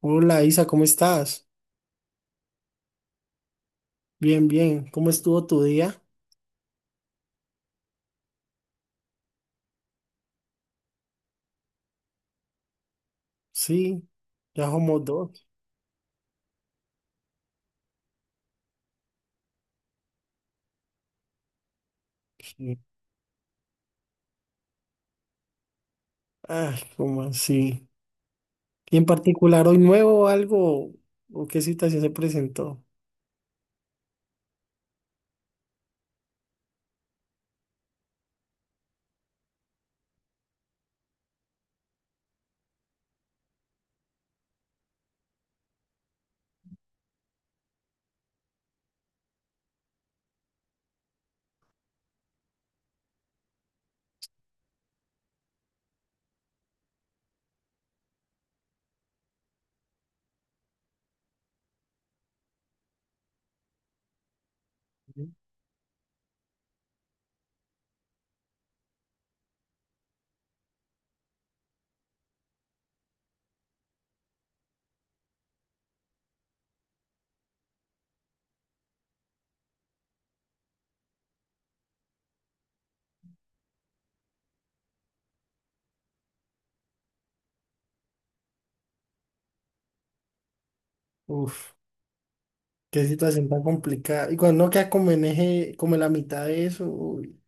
Hola Isa, ¿cómo estás? Bien, bien. ¿Cómo estuvo tu día? Sí, ya somos dos. Sí. Ay, ¿cómo así? ¿Y en particular hoy nuevo o algo? ¿O qué situación se presentó? Ujú. Uf, qué situación tan complicada. Y cuando uno queda como en eje, como en la mitad de eso. Uy.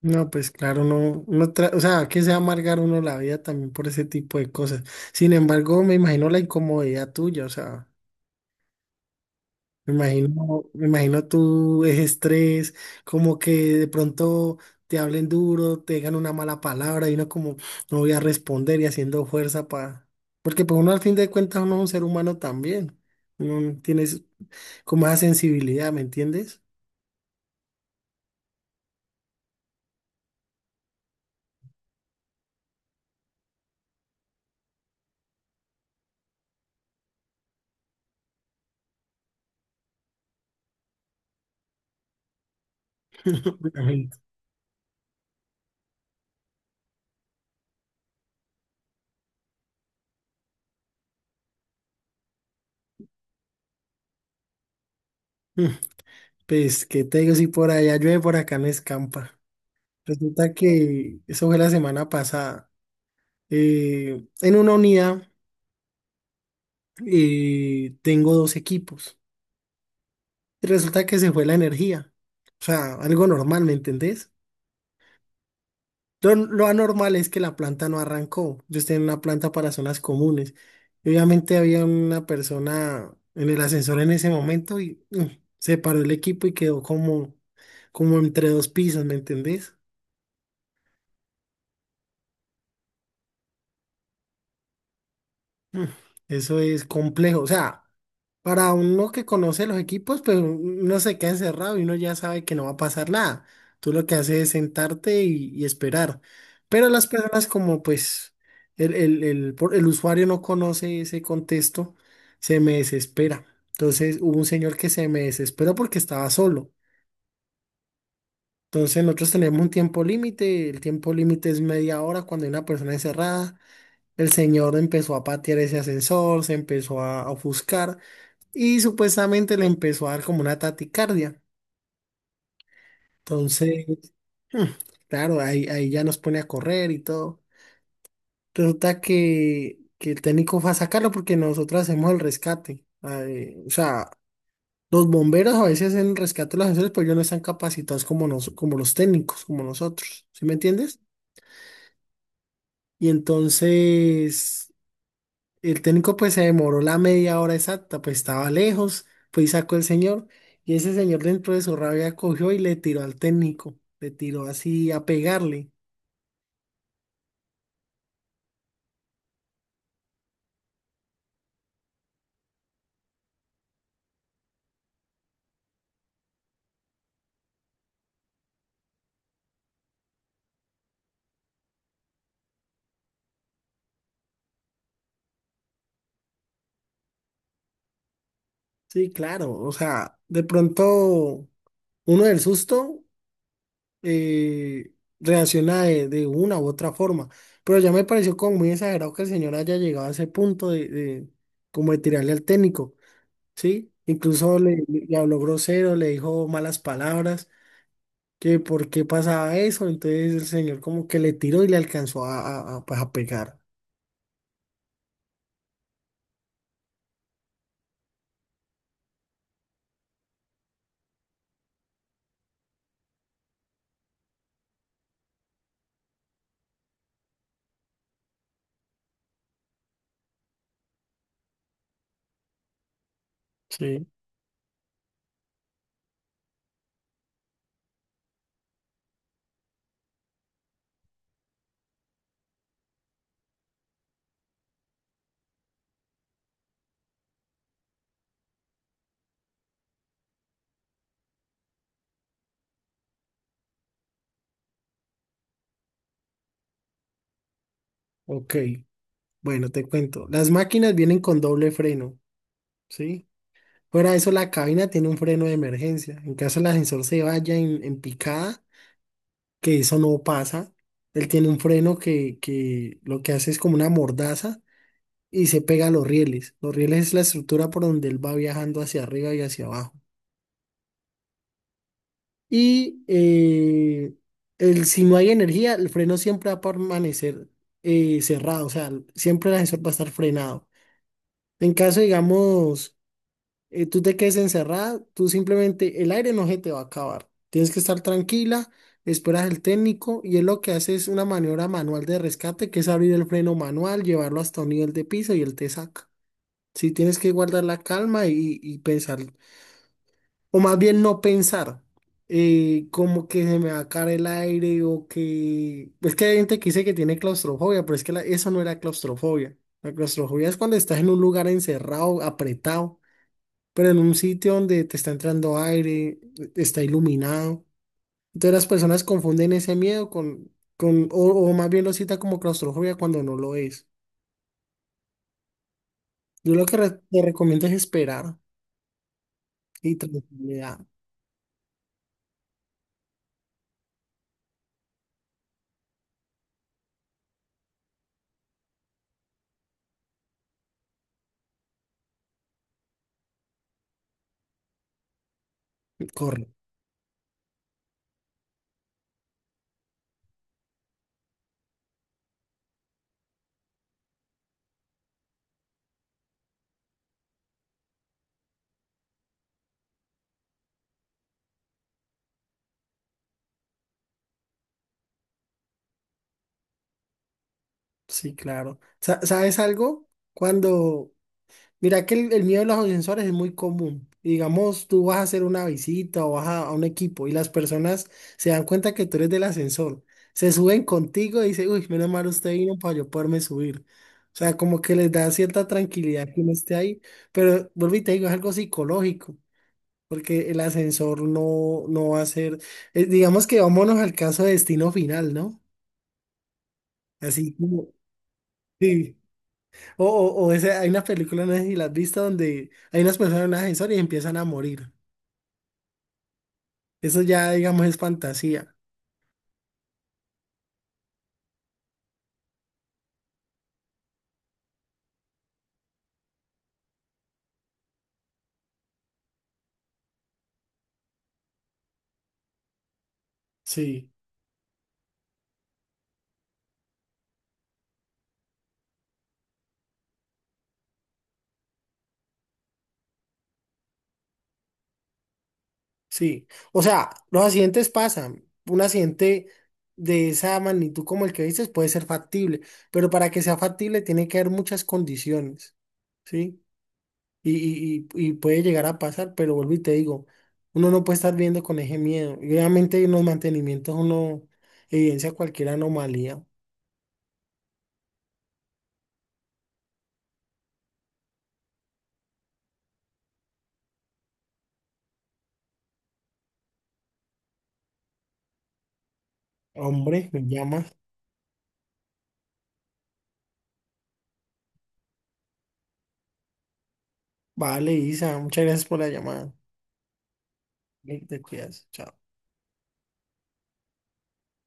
No, pues claro, no, no tra- o sea, que se va a amargar uno la vida también por ese tipo de cosas. Sin embargo, me imagino la incomodidad tuya, o sea. Me imagino tú es estrés, como que de pronto te hablen duro, te digan una mala palabra y uno como no voy a responder y haciendo fuerza para... Porque pues uno al fin de cuentas uno es un ser humano también. Uno tiene es- Como esa sensibilidad, ¿me entiendes? Obviamente. Mm, pues qué te digo, si por allá llueve, por acá no escampa. Resulta que eso fue la semana pasada. En una unidad tengo dos equipos. Y resulta que se fue la energía. O sea, algo normal, ¿me entendés? Lo anormal es que la planta no arrancó. Yo estoy en una planta para zonas comunes. Y obviamente había una persona en el ascensor en ese momento y se paró el equipo y quedó como, como entre dos pisos, ¿me entendés? Mm, eso es complejo. O sea, para uno que conoce los equipos, pues uno se queda encerrado y uno ya sabe que no va a pasar nada. Tú lo que haces es sentarte y esperar. Pero las personas como pues el usuario no conoce ese contexto, se me desespera. Entonces hubo un señor que se me desesperó porque estaba solo. Entonces nosotros tenemos un tiempo límite, el tiempo límite es media hora cuando hay una persona encerrada. El señor empezó a patear ese ascensor, se empezó a ofuscar y supuestamente le empezó a dar como una taticardia. Entonces, mm, claro, ahí ya nos pone a correr y todo. Resulta que el técnico fue a sacarlo porque nosotros hacemos el rescate. Ay, o sea, los bomberos a veces hacen el rescate de los ascensores, pero ellos no están capacitados como, como los técnicos, como nosotros. ¿Sí me entiendes? Y entonces... El técnico pues se demoró la media hora exacta, pues estaba lejos, pues sacó el señor y ese señor dentro de su rabia cogió y le tiró al técnico, le tiró así a pegarle. Sí, claro, o sea, de pronto uno del susto eh, reacciona de una u otra forma, pero ya me pareció como muy exagerado que el señor haya llegado a ese punto de como de tirarle al técnico, ¿sí? Incluso le, le habló grosero, le dijo malas palabras. Que por qué pasaba eso, entonces el señor como que le tiró y le alcanzó a, pues, a pegar. Sí. Ok, bueno, te cuento. Las máquinas vienen con doble freno, ¿sí? Fuera de eso, la cabina tiene un freno de emergencia. En caso el ascensor se vaya en picada, que eso no pasa, él tiene un freno que lo que hace es como una mordaza y se pega a los rieles. Los rieles es la estructura por donde él va viajando hacia arriba y hacia abajo. Y el, si no hay energía, el freno siempre va a permanecer cerrado, o sea, siempre el ascensor va a estar frenado. En caso, digamos, tú te quedes encerrada, tú simplemente, el aire no se te va a acabar. Tienes que estar tranquila, esperas al técnico y él lo que hace es una maniobra manual de rescate, que es abrir el freno manual, llevarlo hasta un nivel de piso y él te saca. Si tienes que guardar la calma y pensar o más bien no pensar, como que se me va a caer el aire o que... Es que hay gente que dice que tiene claustrofobia, pero es que eso no era claustrofobia. La claustrofobia es cuando estás en un lugar encerrado, apretado, pero en un sitio donde te está entrando aire, está iluminado. Entonces las personas confunden ese miedo con, con o, o más bien lo cita como claustrofobia cuando no lo es. Yo lo que te recomiendo es esperar y tranquilidad. Corre. Sí, claro. ¿Sabes algo? Cuando, mira que el miedo de los ascensores es muy común. Digamos, tú vas a hacer una visita o vas a un equipo y las personas se dan cuenta que tú eres del ascensor. Se suben contigo y dicen, uy, menos mal usted vino para yo poderme subir. O sea, como que les da cierta tranquilidad que uno esté ahí. Pero vuelvo y te digo, es algo psicológico, porque el ascensor no, no va a ser. Digamos que vámonos al caso de destino final, ¿no? Así como. Sí. O Ese, hay una película, no sé si la has visto, donde hay unas personas en un ascensor y empiezan a morir. Eso ya, digamos, es fantasía. Sí, sí. O sea, los accidentes pasan. Un accidente de esa magnitud como el que dices puede ser factible, pero para que sea factible tiene que haber muchas condiciones, ¿sí? Y puede llegar a pasar, pero vuelvo y te digo, uno no puede estar viendo con ese miedo. Y obviamente en los mantenimientos uno evidencia cualquier anomalía. Hombre, me llama. Vale, Isa, muchas gracias por la llamada. Te cuidas. Chao.